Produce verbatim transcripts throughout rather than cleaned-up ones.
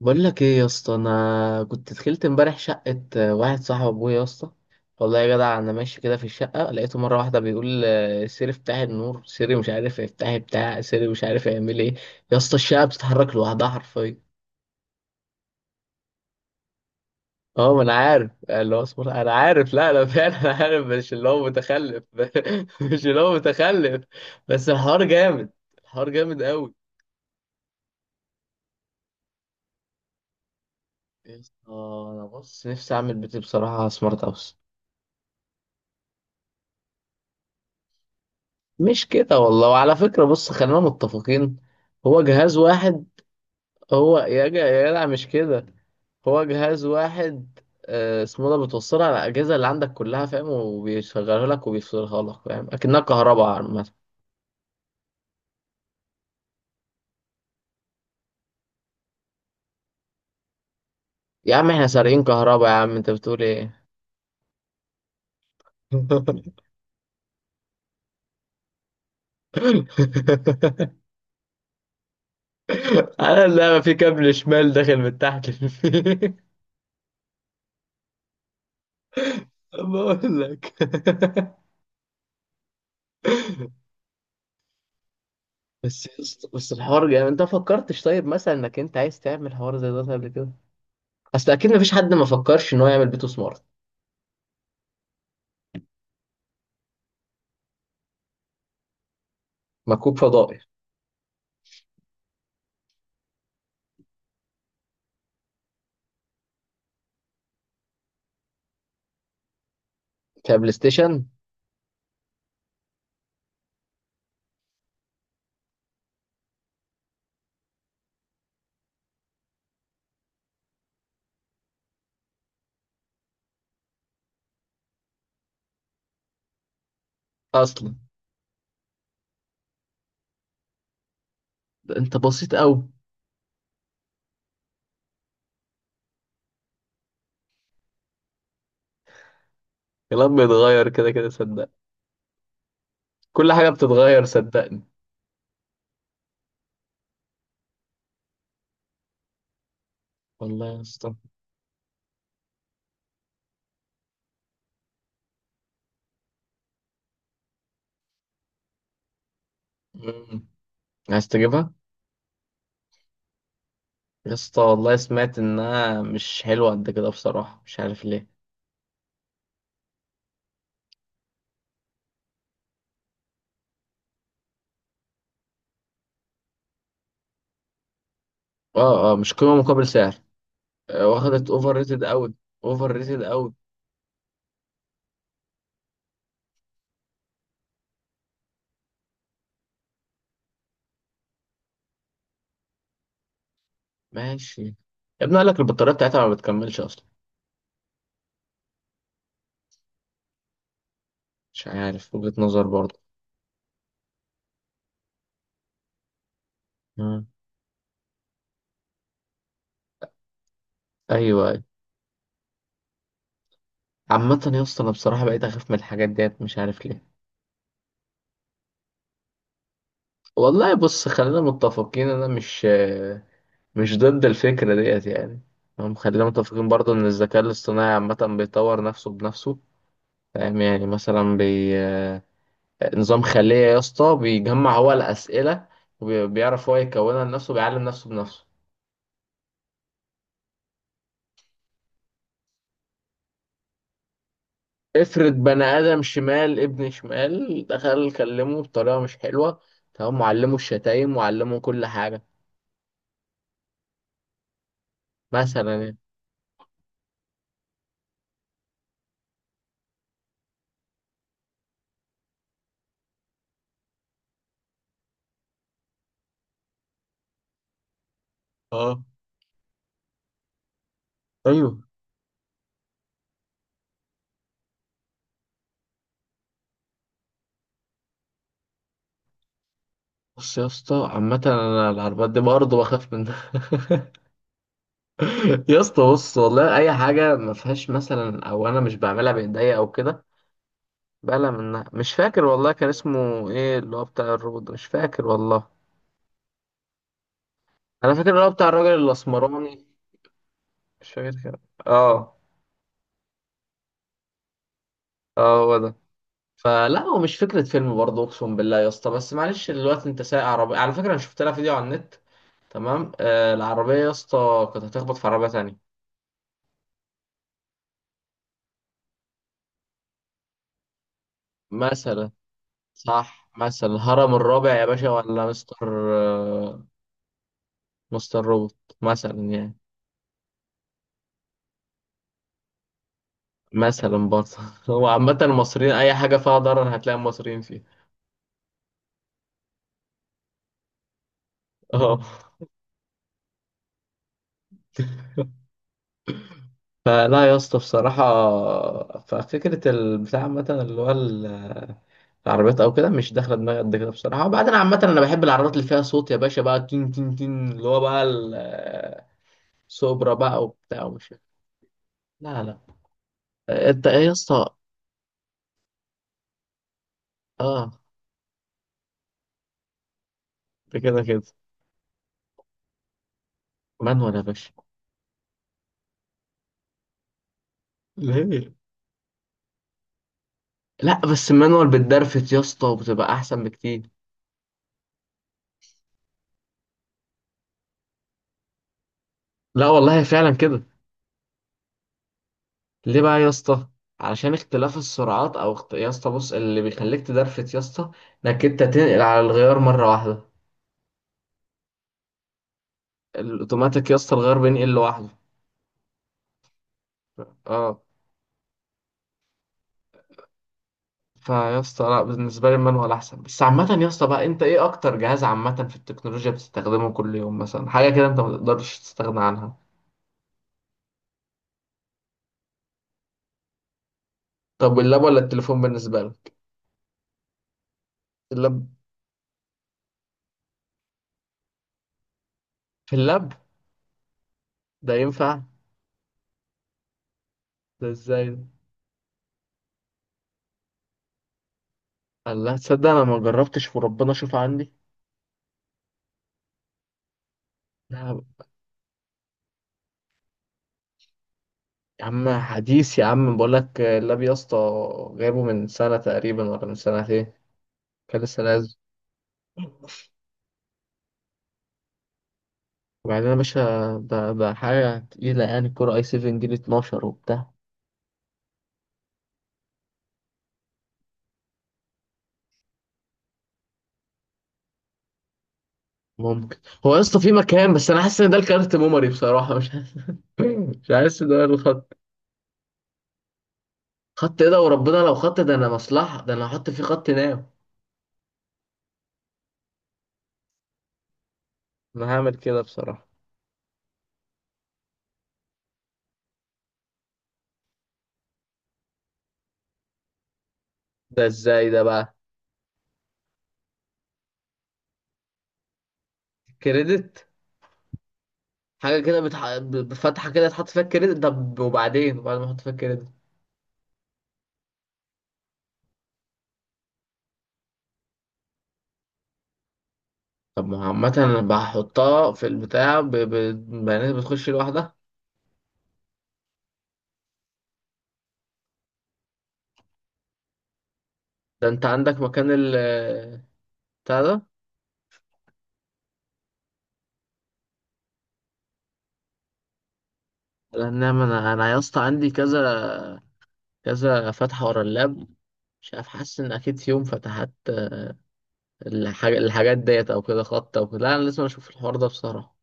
بقول لك ايه يا اسطى. انا كنت دخلت امبارح شقه، آه، واحد صاحب ابويا يا اسطى. والله يا جدع انا ماشي كده في الشقه لقيته مره واحده بيقول آه، سيري افتحي النور، سيري مش عارف افتحي بتاع، سيري مش عارف يعمل ايه. يا اسطى الشقه بتتحرك لوحدها حرفيا. اه ما انا عارف اللي هو اصبر، انا عارف، لا انا فعلا انا عارف، مش اللي هو متخلف مش اللي هو متخلف. بس الحوار جامد. الحوار جامد قوي. يا اسطى انا بص نفسي اعمل بيتي بصراحه سمارت هاوس. مش كده والله، وعلى فكرة بص خلينا متفقين، هو جهاز واحد. هو يا جا يا جدع مش كده، هو جهاز واحد، آه، اسمه ده، بتوصلها على الأجهزة اللي عندك كلها فاهم، وبيشغلها لك وبيفصلها لك فاهم، أكنها كهرباء عامة. يا عم احنا سارقين كهرباء يا عم، انت بتقول ايه؟ انا اللعبة في كابل شمال داخل من تحت الفيل. بقول لك بس بس الحوار يعني، انت فكرتش طيب مثلا انك انت عايز تعمل حوار زي ده قبل كده؟ اصل اكيد مفيش حد ما فكرش ان هو يعمل بيته سمارت. مكوك فضائي. كبلاي ستيشن. اصلا ده انت بسيط قوي. الكلام بيتغير كده كده صدقني. كل حاجه بتتغير صدقني. والله يا اسطى. مم. عايز تجيبها. يا اسطى والله سمعت انها مش حلوه قد كده بصراحه، مش عارف ليه. اه اه، مش قيمه مقابل سعر. آه، واخدت اوفر ريتد قوي. اوفر ريتد قوي. ماشي. يا ابني قال لك البطاريه بتاعتها ما بتكملش اصلا. مش عارف، وجهة نظر برضه. مم. ايوه أيوة. عامة يا اسطى انا بصراحة بقيت اخاف من الحاجات ديت مش عارف ليه. والله بص خلينا متفقين، انا مش مش ضد الفكرة ديت يعني. هم خلينا متفقين برضه ان الذكاء الاصطناعي عامة بيطور نفسه بنفسه. فاهم يعني مثلا بي، نظام خلية يا اسطى، بيجمع هو الأسئلة وبيعرف هو يكونها لنفسه، بيعلم نفسه بنفسه. افرض بني آدم شمال ابن شمال دخل كلمه بطريقة مش حلوة، تمام، وعلمه الشتايم وعلمه كل حاجة. مثلا يعني. اه ايوه. بص يا اسطى عامة انا العربيات دي برضه بخاف منها. يا اسطى بص والله اي حاجة ما فيهاش مثلا، او انا مش بعملها بايديا او كده، بقلق منها. مش فاكر والله كان اسمه ايه اللي هو بتاع الروبوت ده، مش فاكر والله. انا فاكر اللي هو بتاع الراجل الاسمراني. مش فاكر كده. اه اه هو ده. فلا هو مش فكرة فيلم برضه أقسم بالله يا اسطى، بس معلش دلوقتي أنت سايق عربية على فكرة، أنا شفت لها فيديو على النت. تمام آه العربية يا اسطى كانت هتخبط في عربية تانية. مثلا. صح مثلا، الهرم الرابع يا باشا ولا مستر، آه مستر روبوت. مثلا يعني. مثلا برضه هو عامة المصريين أي حاجة فيها ضرر هتلاقي المصريين فيها. اه. فلا يا اسطى بصراحة، ففكرة البتاع عامة اللي هو ال- العربيات أو كده مش داخلة دماغي قد كده بصراحة. وبعدين عامة أنا بحب العربيات اللي فيها صوت يا باشا، بقى تين تين تين اللي هو بقى السوبرا بقى، وبتاع، ومش. لا لا. أنت إيه يا اسطى؟ أه. ده كده كده. مانوال يا باشا. ليه؟ لا بس المانوال بتدرفت يا اسطى وبتبقى أحسن بكتير. لا والله فعلا كده. ليه بقى يا اسطى؟ علشان اختلاف السرعات او اخت... يا اسطى بص اللي بيخليك تدرفت يا اسطى انك انت تنقل على الغيار مره واحده. الاوتوماتيك يا اسطى الغيار بينقل لوحده. اه. فيا اسطى لا، بالنسبه لي المانوال احسن. بس عامه يا اسطى بقى انت ايه اكتر جهاز عامه في التكنولوجيا بتستخدمه كل يوم، مثلا حاجه كده انت ما تقدرش تستغنى عنها؟ طب واللاب ولا التليفون بالنسبه لك؟ اللاب؟ في اللاب؟ ده ينفع؟ ده ازاي ده؟ الله تصدق انا ما جربتش، وربنا شوف عندي. لا يا عم حديث يا عم، بقول لك اللاب يا اسطى جايبه من سنة تقريبا ولا من سنتين، كان لسه نازل. وبعدين يا باشا ده, ده حاجة تقيلة يعني، كورة اي سبعة جيل اثنا عشر وبتاع. ممكن. هو يا اسطى في مكان، بس انا حاسس ان ده الكارت ميموري بصراحة، مش حاسس مش حاسس ان ده الخط. خط ايه ده وربنا؟ لو خط ده انا مصلحة، ده انا هحط فيه خط ناو. انا هعمل كده بصراحة. ده ازاي ده بقى؟ كريدت. حاجة كده بتح... ب- ب- فتحة كده تحط فيها الكريدت؟ طب وبعدين؟ وبعد ما احط فيها الكريدت؟ طب ما هو عامة انا بحطها في البتاع ب- ب- بيانات بتخش لوحدها. ده انت عندك مكان ال، بتاع ده. لان انا، انا يا اسطى عندي كذا كذا فتحة ورا اللاب، مش عارف، حاسس ان اكيد في يوم فتحت الحاج... الحاجات ديت او كده خط او كده. لا انا لازم اشوف الحوار ده بصراحة.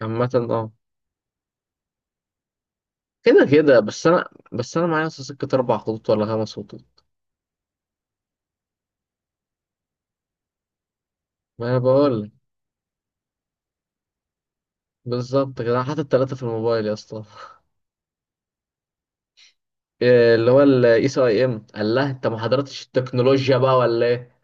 عامة اه، كده كده، بس انا، بس انا معايا أصلا سكة اربع خطوط ولا خمس خطوط. ما انا بقول لك، بالظبط كده، انا حاطط ثلاثة في الموبايل يا اسطى. إيه اللي هو الاي سي اي ام؟ قال لها انت ما حضرتش التكنولوجيا بقى ولا ايه؟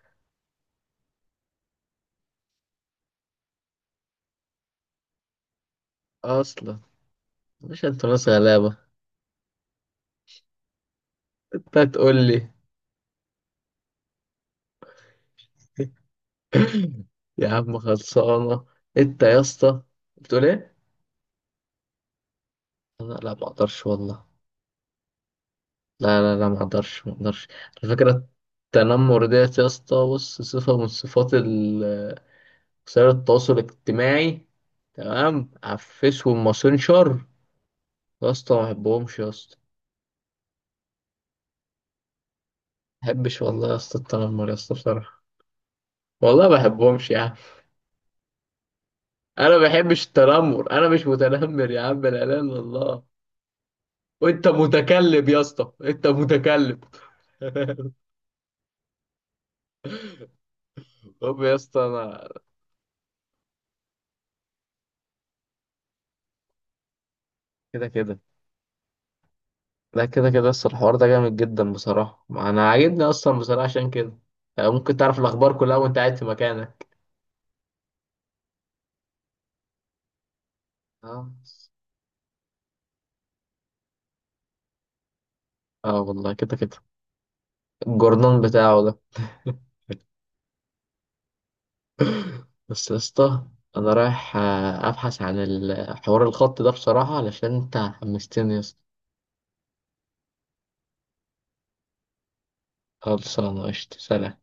اصلا، مش انت ناس غلابه. انت هتقول لي. يا عم خلصانه. انت يا اسطى. بتقول ايه؟ انا لا ما اقدرش والله. لا لا لا، ما اقدرش ما اقدرش. على فكره، التنمر ديت يا اسطى بص صفه من صفات ال- وسائل التواصل الاجتماعي، تمام، على الفيس والماسنجر. يا اسطى ما بحبهمش يا اسطى. ما بحبش والله يا اسطى التنمر يا اسطى بصراحه. والله ما بحبهمش يا عم. انا ما بحبش التنمر، انا مش متنمر يا عم، لا اله الا الله. وانت متكلم يا اسطى، انت متكلم. طب يا اسطى انا، كده كده. لا كده كده اصلا الحوار ده جامد جدا بصراحه، ما انا عاجبني اصلا بصراحه، عشان كده آه، ممكن تعرف الاخبار كلها وانت قاعد في مكانك. اه. اه والله كده كده. الجورنان بتاعه ده. بس يا اسطى، انا رايح آه، ابحث عن الحوار الخط ده بصراحه، علشان انت حمستني يا اسطى. خلصانة قشطة سلام.